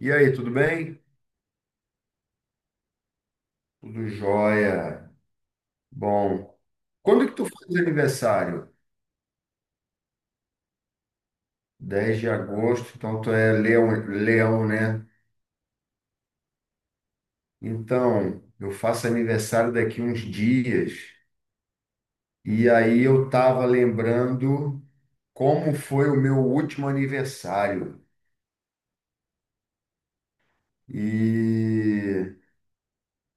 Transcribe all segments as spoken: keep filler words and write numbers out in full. E aí, tudo bem? Tudo jóia. Bom, quando que tu faz aniversário? Dez de agosto, então tu é leão, leão, né? Então, eu faço aniversário daqui uns dias. E aí eu tava lembrando como foi o meu último aniversário. E,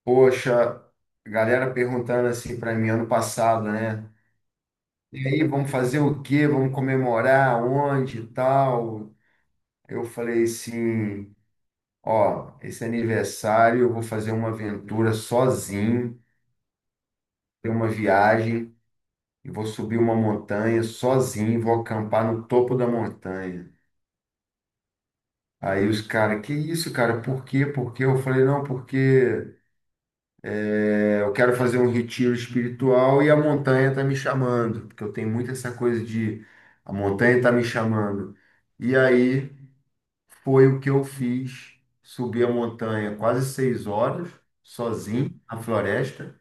poxa, galera perguntando assim para mim ano passado, né? E aí, vamos fazer o quê? Vamos comemorar onde e tal? Eu falei assim, ó, esse aniversário eu vou fazer uma aventura sozinho, ter uma viagem, e vou subir uma montanha sozinho, vou acampar no topo da montanha. Aí os caras, que isso, cara? Por quê? Por quê? Eu falei, não, porque é, eu quero fazer um retiro espiritual e a montanha tá me chamando, porque eu tenho muito essa coisa de a montanha tá me chamando. E aí foi o que eu fiz, subi a montanha quase seis horas, sozinho, na floresta.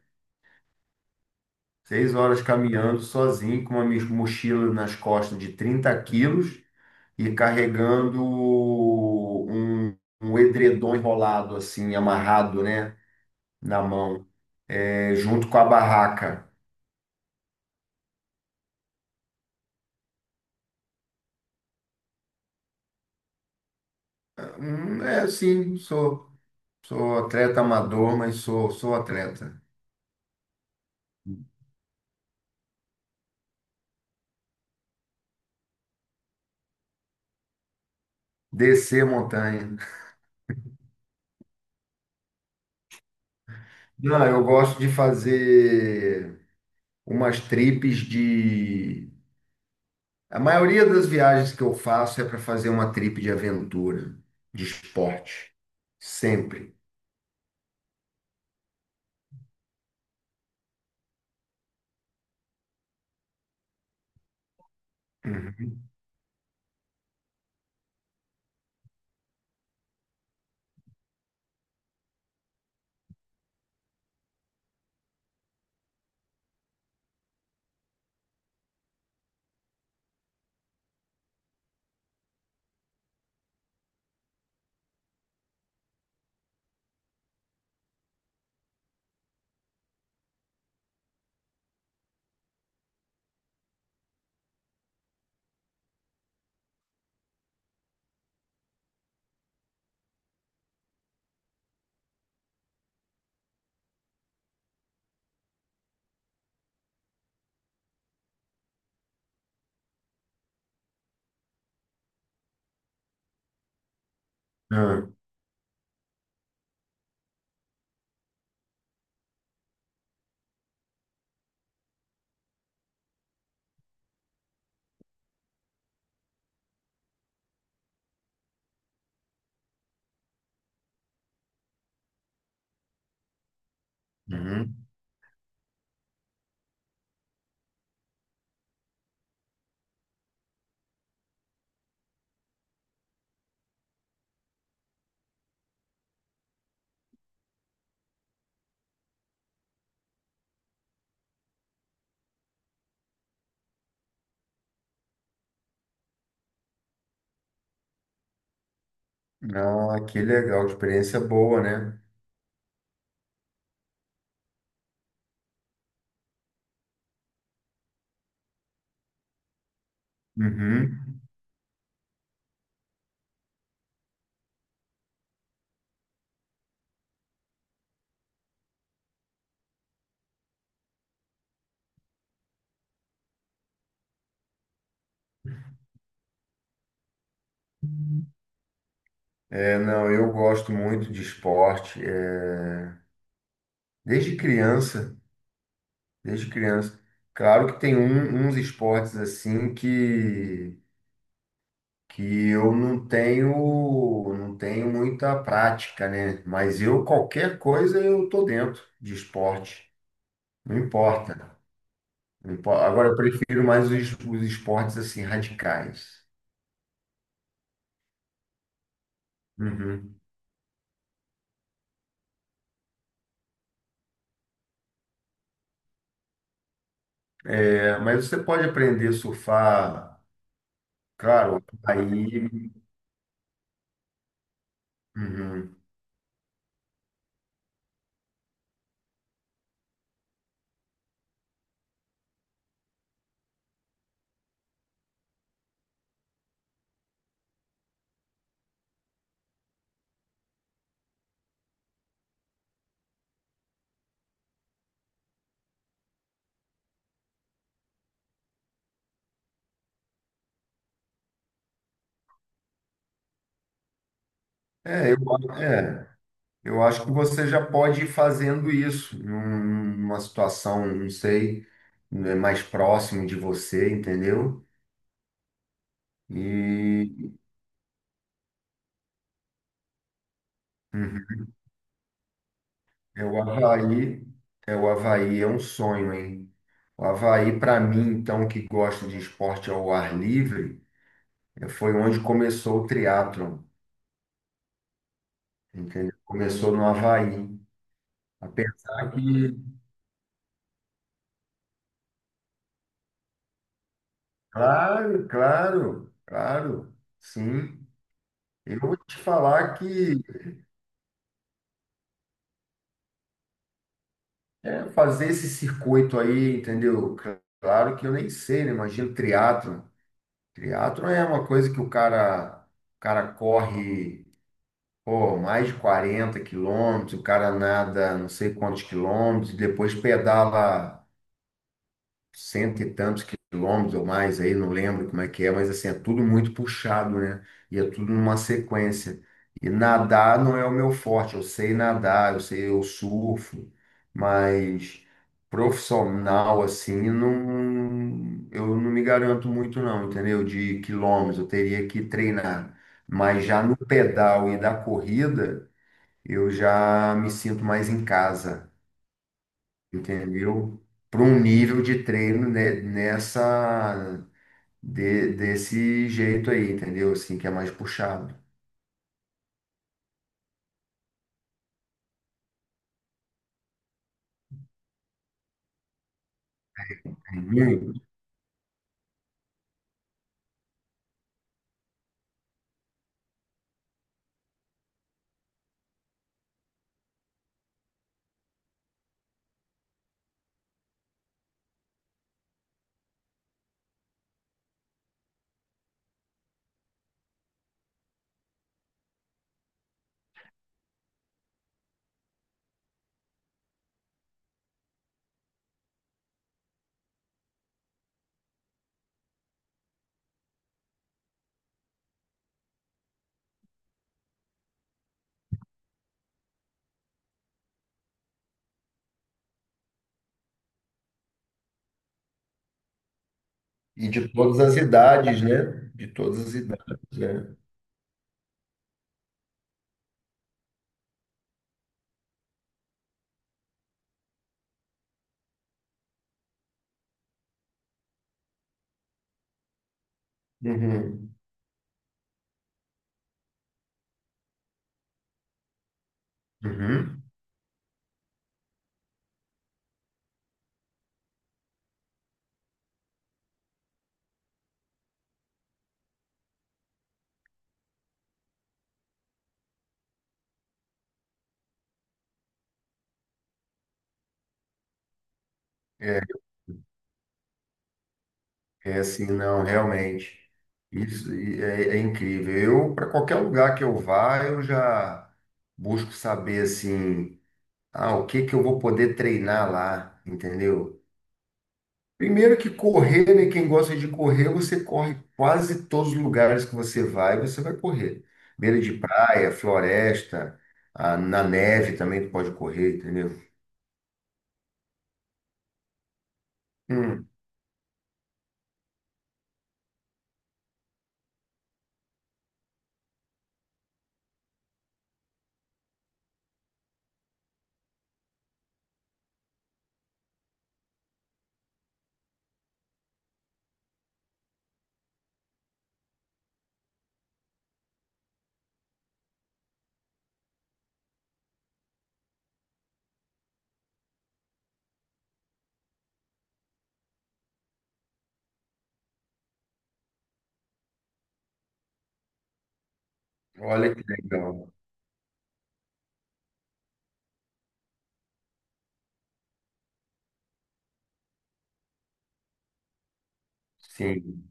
Seis horas caminhando sozinho, com uma mis- mochila nas costas de trinta quilos e carregando um, um edredom enrolado, assim, amarrado, né, na mão, é, junto com a barraca. Hum, É assim, sou, sou atleta amador, mas sou, sou atleta. Descer montanha. Não, eu gosto de fazer umas tripes de a maioria das viagens que eu faço é para fazer uma trip de aventura, de esporte, sempre. Uhum. Ah, uhum. Ah, que legal, experiência boa, né? Uhum. É, não, eu gosto muito de esporte, é, desde criança, desde criança. Claro que tem um- uns esportes assim que que eu não tenho não tenho muita prática, né? Mas eu qualquer coisa eu tô dentro de esporte. Não importa. Não impo- Agora eu prefiro mais os, es- os esportes assim radicais. Uhum. É, mas você pode aprender a surfar, claro, aí. Uhum. É, eu, é, eu acho que você já pode ir fazendo isso num- numa situação, não sei, né, mais próximo de você, entendeu? E, uhum. É o Havaí, é o Havaí, é um sonho, hein? O Havaí, para mim, então, que gosta de esporte ao ar livre, eh, foi onde começou o triatlon, entendeu? Começou no Havaí. Apesar que, claro, claro, claro, sim. Eu vou te falar que eh, fazer esse circuito aí, entendeu? Claro que eu nem sei, né? Imagina o triatlon. Triatlon é uma coisa que o cara, o cara corre. Pô, mais de quarenta quilômetros, o cara nada não sei quantos quilômetros, depois pedala cento e tantos quilômetros ou mais aí, não lembro como é que é, mas assim, é tudo muito puxado, né? E é tudo numa sequência. E nadar não é o meu forte, eu sei nadar, eu sei, eu surfo, mas profissional assim, não, eu não me garanto muito não, entendeu? De quilômetros, eu teria que treinar. Mas já no pedal e da corrida, eu já me sinto mais em casa, entendeu? Para um nível de treino né, nessa de- desse jeito aí, entendeu? Assim, que é mais puxado. Muito. E de todas as idades, né? De todas as idades, né? Uhum. Uhum. É, é assim, não, realmente. Isso e- é, é incrível. Eu, para qualquer lugar que eu vá, eu já busco saber assim, ah, o que que eu vou poder treinar lá, entendeu? Primeiro que correr, né? Quem gosta de correr, você corre quase todos os lugares que você vai, você vai correr. Beira de praia, floresta, ah, na neve também tu pode correr, entendeu? Hum, Olha que legal. Sim,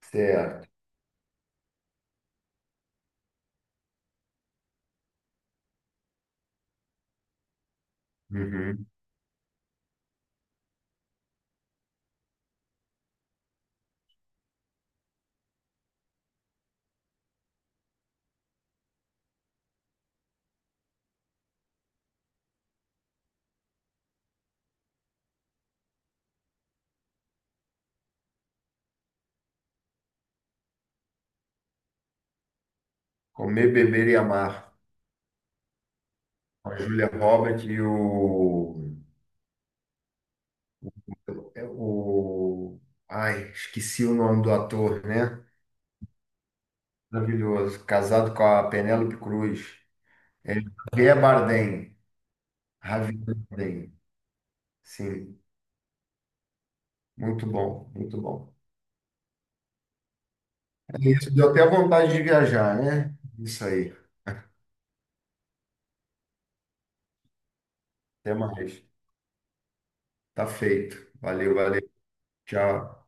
certo. Uhum. Comer, beber e amar. Com a Julia Roberts e o, é o... Ai, esqueci o nome do ator, né? Maravilhoso. Casado com a Penélope Cruz. É Javier Bardem. Javier Bardem. Sim, muito bom, muito bom. É isso, deu até vontade de viajar, né? Isso aí. Até mais. Tá feito. Valeu, valeu. Tchau.